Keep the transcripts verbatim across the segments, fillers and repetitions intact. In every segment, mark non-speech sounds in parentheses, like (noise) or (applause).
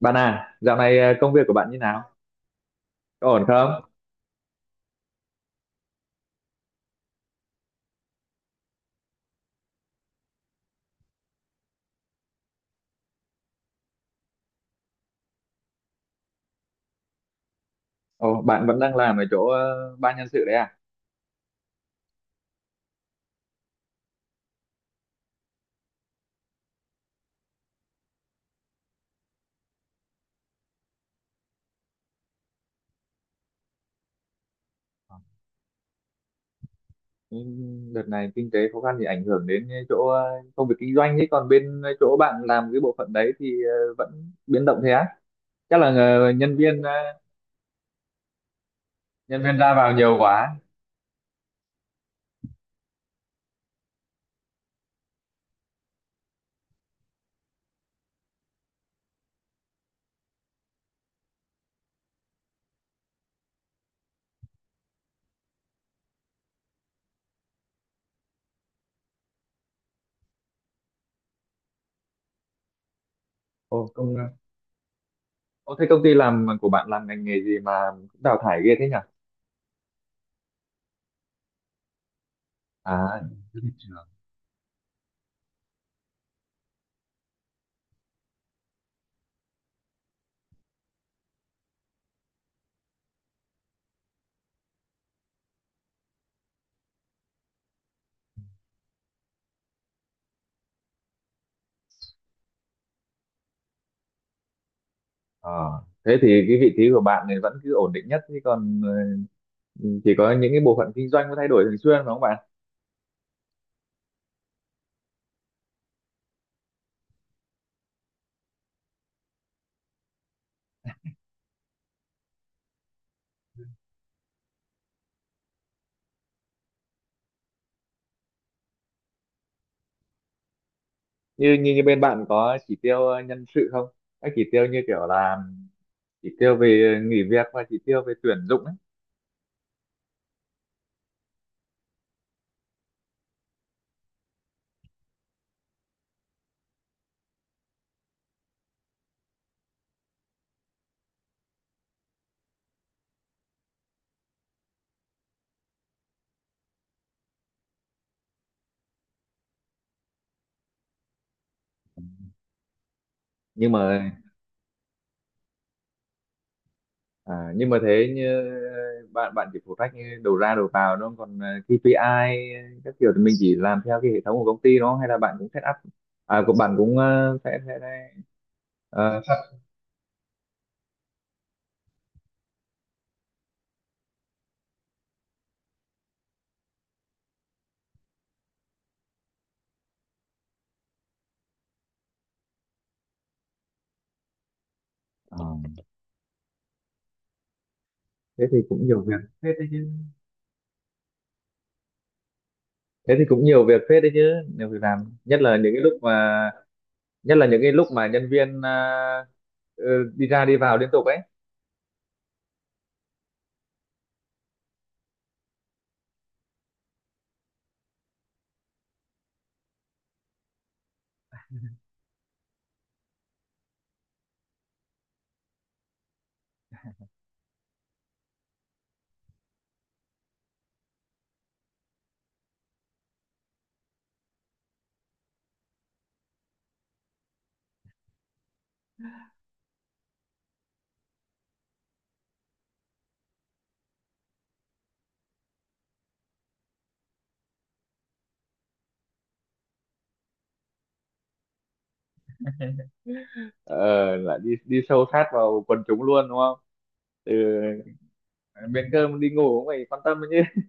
Bạn à, dạo này ờ, công việc của bạn như nào? Có ổn không? Ồ, bạn vẫn đang làm ở chỗ ờ, ban nhân sự đấy à? Ừ. Đợt này kinh tế khó khăn thì ảnh hưởng đến cái chỗ ờ, công việc kinh doanh ấy, còn bên ờ, chỗ bạn làm cái bộ phận đấy thì ờ, vẫn biến động thế á? Chắc là ờ, nhân viên ờ, nhân viên ra vào nhiều quá. Ồ, công Ồ, thế công ty làm ờ, của bạn làm ngành nghề gì mà cũng đào thải ghê thế nhỉ? À, rất thị trường. ờ, Thế thì cái vị trí của bạn này vẫn cứ ổn định nhất chứ còn ờ, chỉ có những cái bộ phận kinh doanh mới thay đổi thường xuyên đúng không bạn? Như như như bên bạn có chỉ tiêu ờ, nhân sự không, các chỉ tiêu như kiểu là chỉ tiêu về nghỉ việc và chỉ tiêu về tuyển dụng ấy. nhưng mà à, nhưng mà thế như bạn bạn chỉ phụ trách như đầu ra đầu vào đúng không, còn ờ, ca pê i các kiểu thì mình chỉ làm theo cái hệ thống của công ty đó hay là bạn cũng set up, à của bạn cũng ờ, sẽ sẽ sẽ, ờ, ờ, thế thì cũng nhiều việc phết đấy chứ. Thế thì cũng nhiều việc phết đấy chứ Nhiều việc làm, nhất là những cái lúc mà nhất là những cái lúc mà nhân viên à, ờ, ừ, đi ra đi vào liên tục ấy. ờ Lại đi đi sâu sát vào quần chúng luôn đúng không, từ miếng cơm đi ngủ cũng phải quan tâm đấy chứ.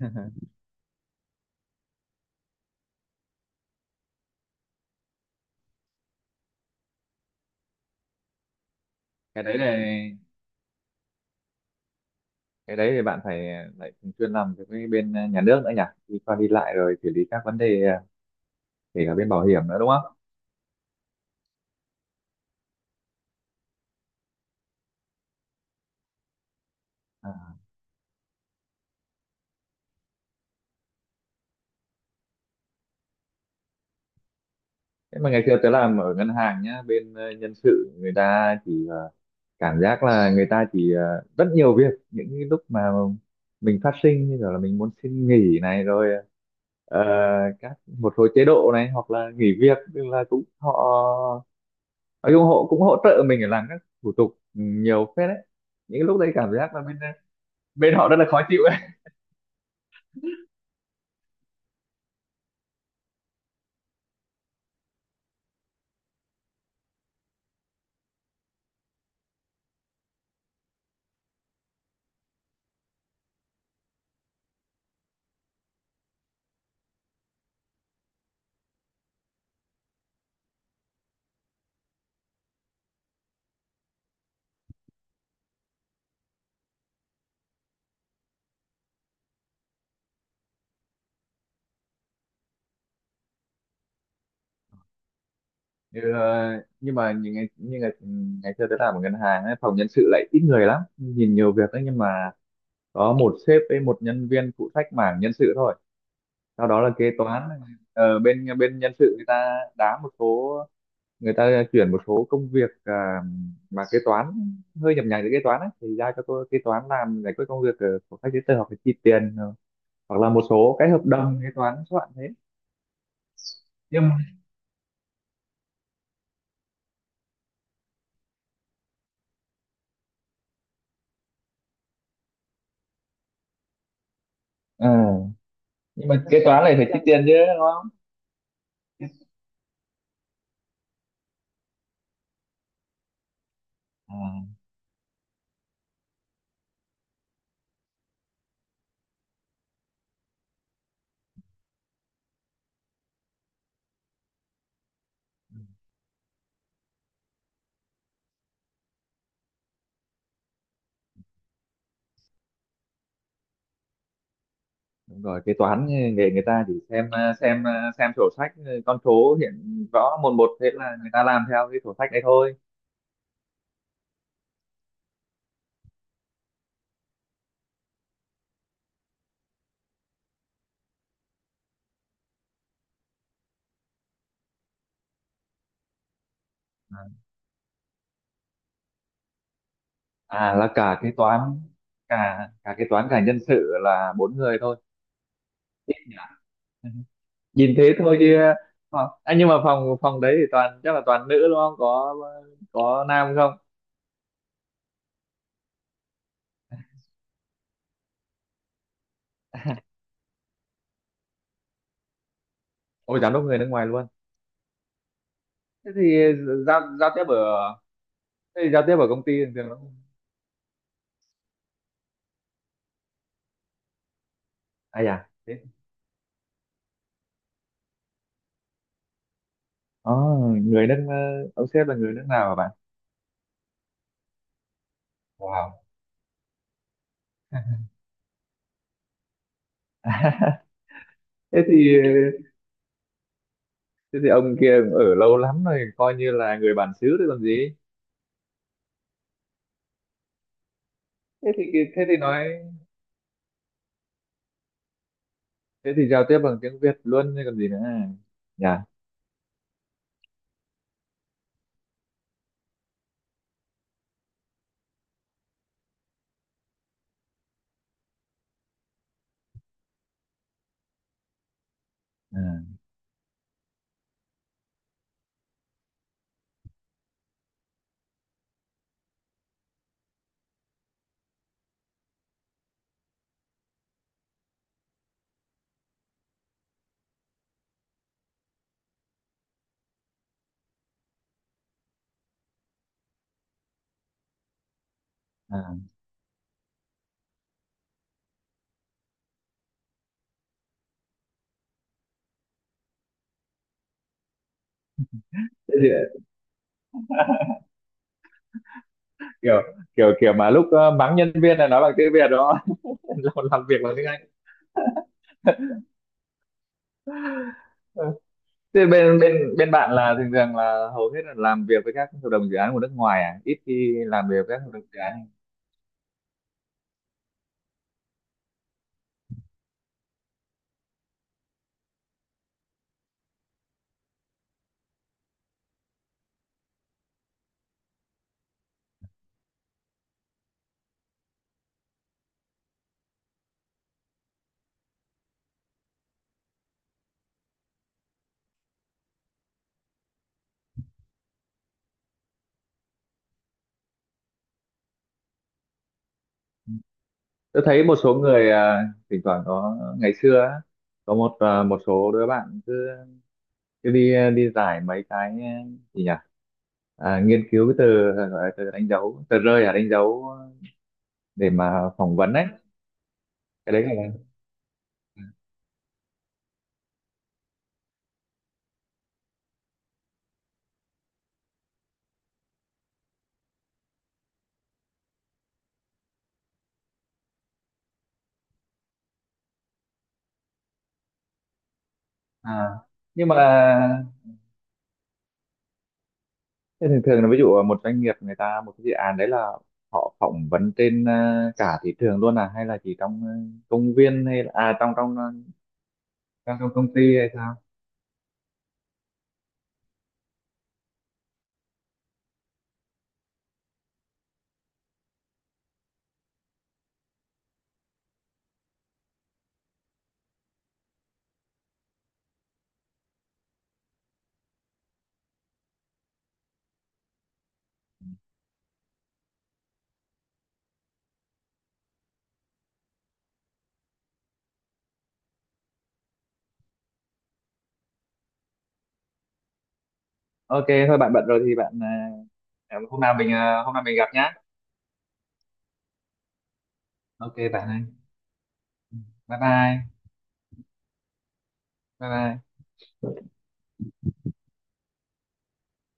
(laughs) cái đấy là cái đấy thì bạn phải lại thường xuyên làm việc với bên nhà nước nữa nhỉ, đi qua đi lại rồi xử lý các vấn đề, à, kể cả bên bảo hiểm nữa đúng không? À. Thế mà ngày xưa tớ làm ở ngân hàng nhá, bên ờ, nhân sự người ta chỉ ờ, cảm giác là người ta chỉ ờ, rất nhiều việc những cái lúc mà mình phát sinh như kiểu là mình muốn xin nghỉ này rồi, ờ, các một số chế độ này hoặc là nghỉ việc, tức là cũng họ nói chung họ cũng hỗ trợ mình để làm các thủ tục, ừ, nhiều phết đấy. Những lúc đấy cảm giác là bên bên họ rất là khó chịu ấy. Ừ. Ờ, nhưng mà những ngày như ngày ngày xưa tôi làm ở ngân hàng ấy, phòng nhân sự lại ít người lắm, nhìn nhiều việc đấy nhưng mà có một sếp với một nhân viên phụ trách mảng nhân sự thôi, sau đó là kế toán. Ờ, bên bên nhân sự người ta đá một số, người ta chuyển một số công việc à, mà kế toán hơi nhập nhằng với kế toán ấy, thì giao cho tôi kế toán làm giải quyết công việc ờ, của các giấy tờ hoặc là chi tiền, ờ, hoặc là một số cái hợp đồng kế toán soạn thế. nhưng ờ, nhưng mà kế toán này phải chi tiền chứ đúng không? à, Đúng rồi, kế toán nghề người ta chỉ xem ờ, xem ờ, xem sổ sách, ờ, con số hiện rõ một một, thế là người ta làm theo cái sổ sách đấy thôi. À, là cả kế toán, cả cả kế toán cả nhân sự là bốn người thôi. Ừ. Nhìn thế thôi chứ. Ờ, à, nhưng mà phòng phòng đấy thì toàn chắc là toàn nữ đúng không, có có nam không? Ôi giám đốc người nước ngoài luôn. Thế thì giao giao tiếp ở, thế thì giao tiếp ở công ty thường thường nó, ai à dạ. Thế, Ồ, người nước ờ, ông sếp là người nước nào hả bạn? Wow. thế thì Thế thì ông kia cũng ở lâu lắm rồi, coi như là người bản xứ rồi còn gì. thế thì Thế thì nói, thế thì giao tiếp bằng tiếng Việt luôn chứ còn gì nữa nhỉ, à, à. Thế thì, kiểu kiểu kiểu mà lúc ờ, mắng nhân viên là nói bằng tiếng Việt đó. (laughs) làm làm việc bằng tiếng Anh. Ừ. Thế bên bên bên bạn là thường thường là hầu hết là làm việc với các hợp đồng dự án của nước ngoài à, ít khi làm việc với các hợp đồng dự án. Tôi thấy một số người, ờ, thỉnh thoảng có ngày xưa á, có một ờ, một số đứa bạn cứ, cứ đi ờ, đi giải mấy cái, ờ, gì nhỉ à, nghiên cứu cái từ gọi là từ đánh dấu tờ rơi à, đánh dấu để mà phỏng vấn ấy. Cái đấy là à Nhưng mà thế thường thường là ví dụ một doanh nghiệp người ta một cái dự án đấy là họ phỏng vấn trên ờ, cả thị trường luôn à, hay là chỉ trong ờ, công viên, hay là à trong trong ờ, trong trong công ty hay sao? OK thôi bạn bận rồi thì bạn, ờ, hôm nào mình ờ, hôm nào mình gặp nhá. OK bạn ơi, bye bye. Bye bye.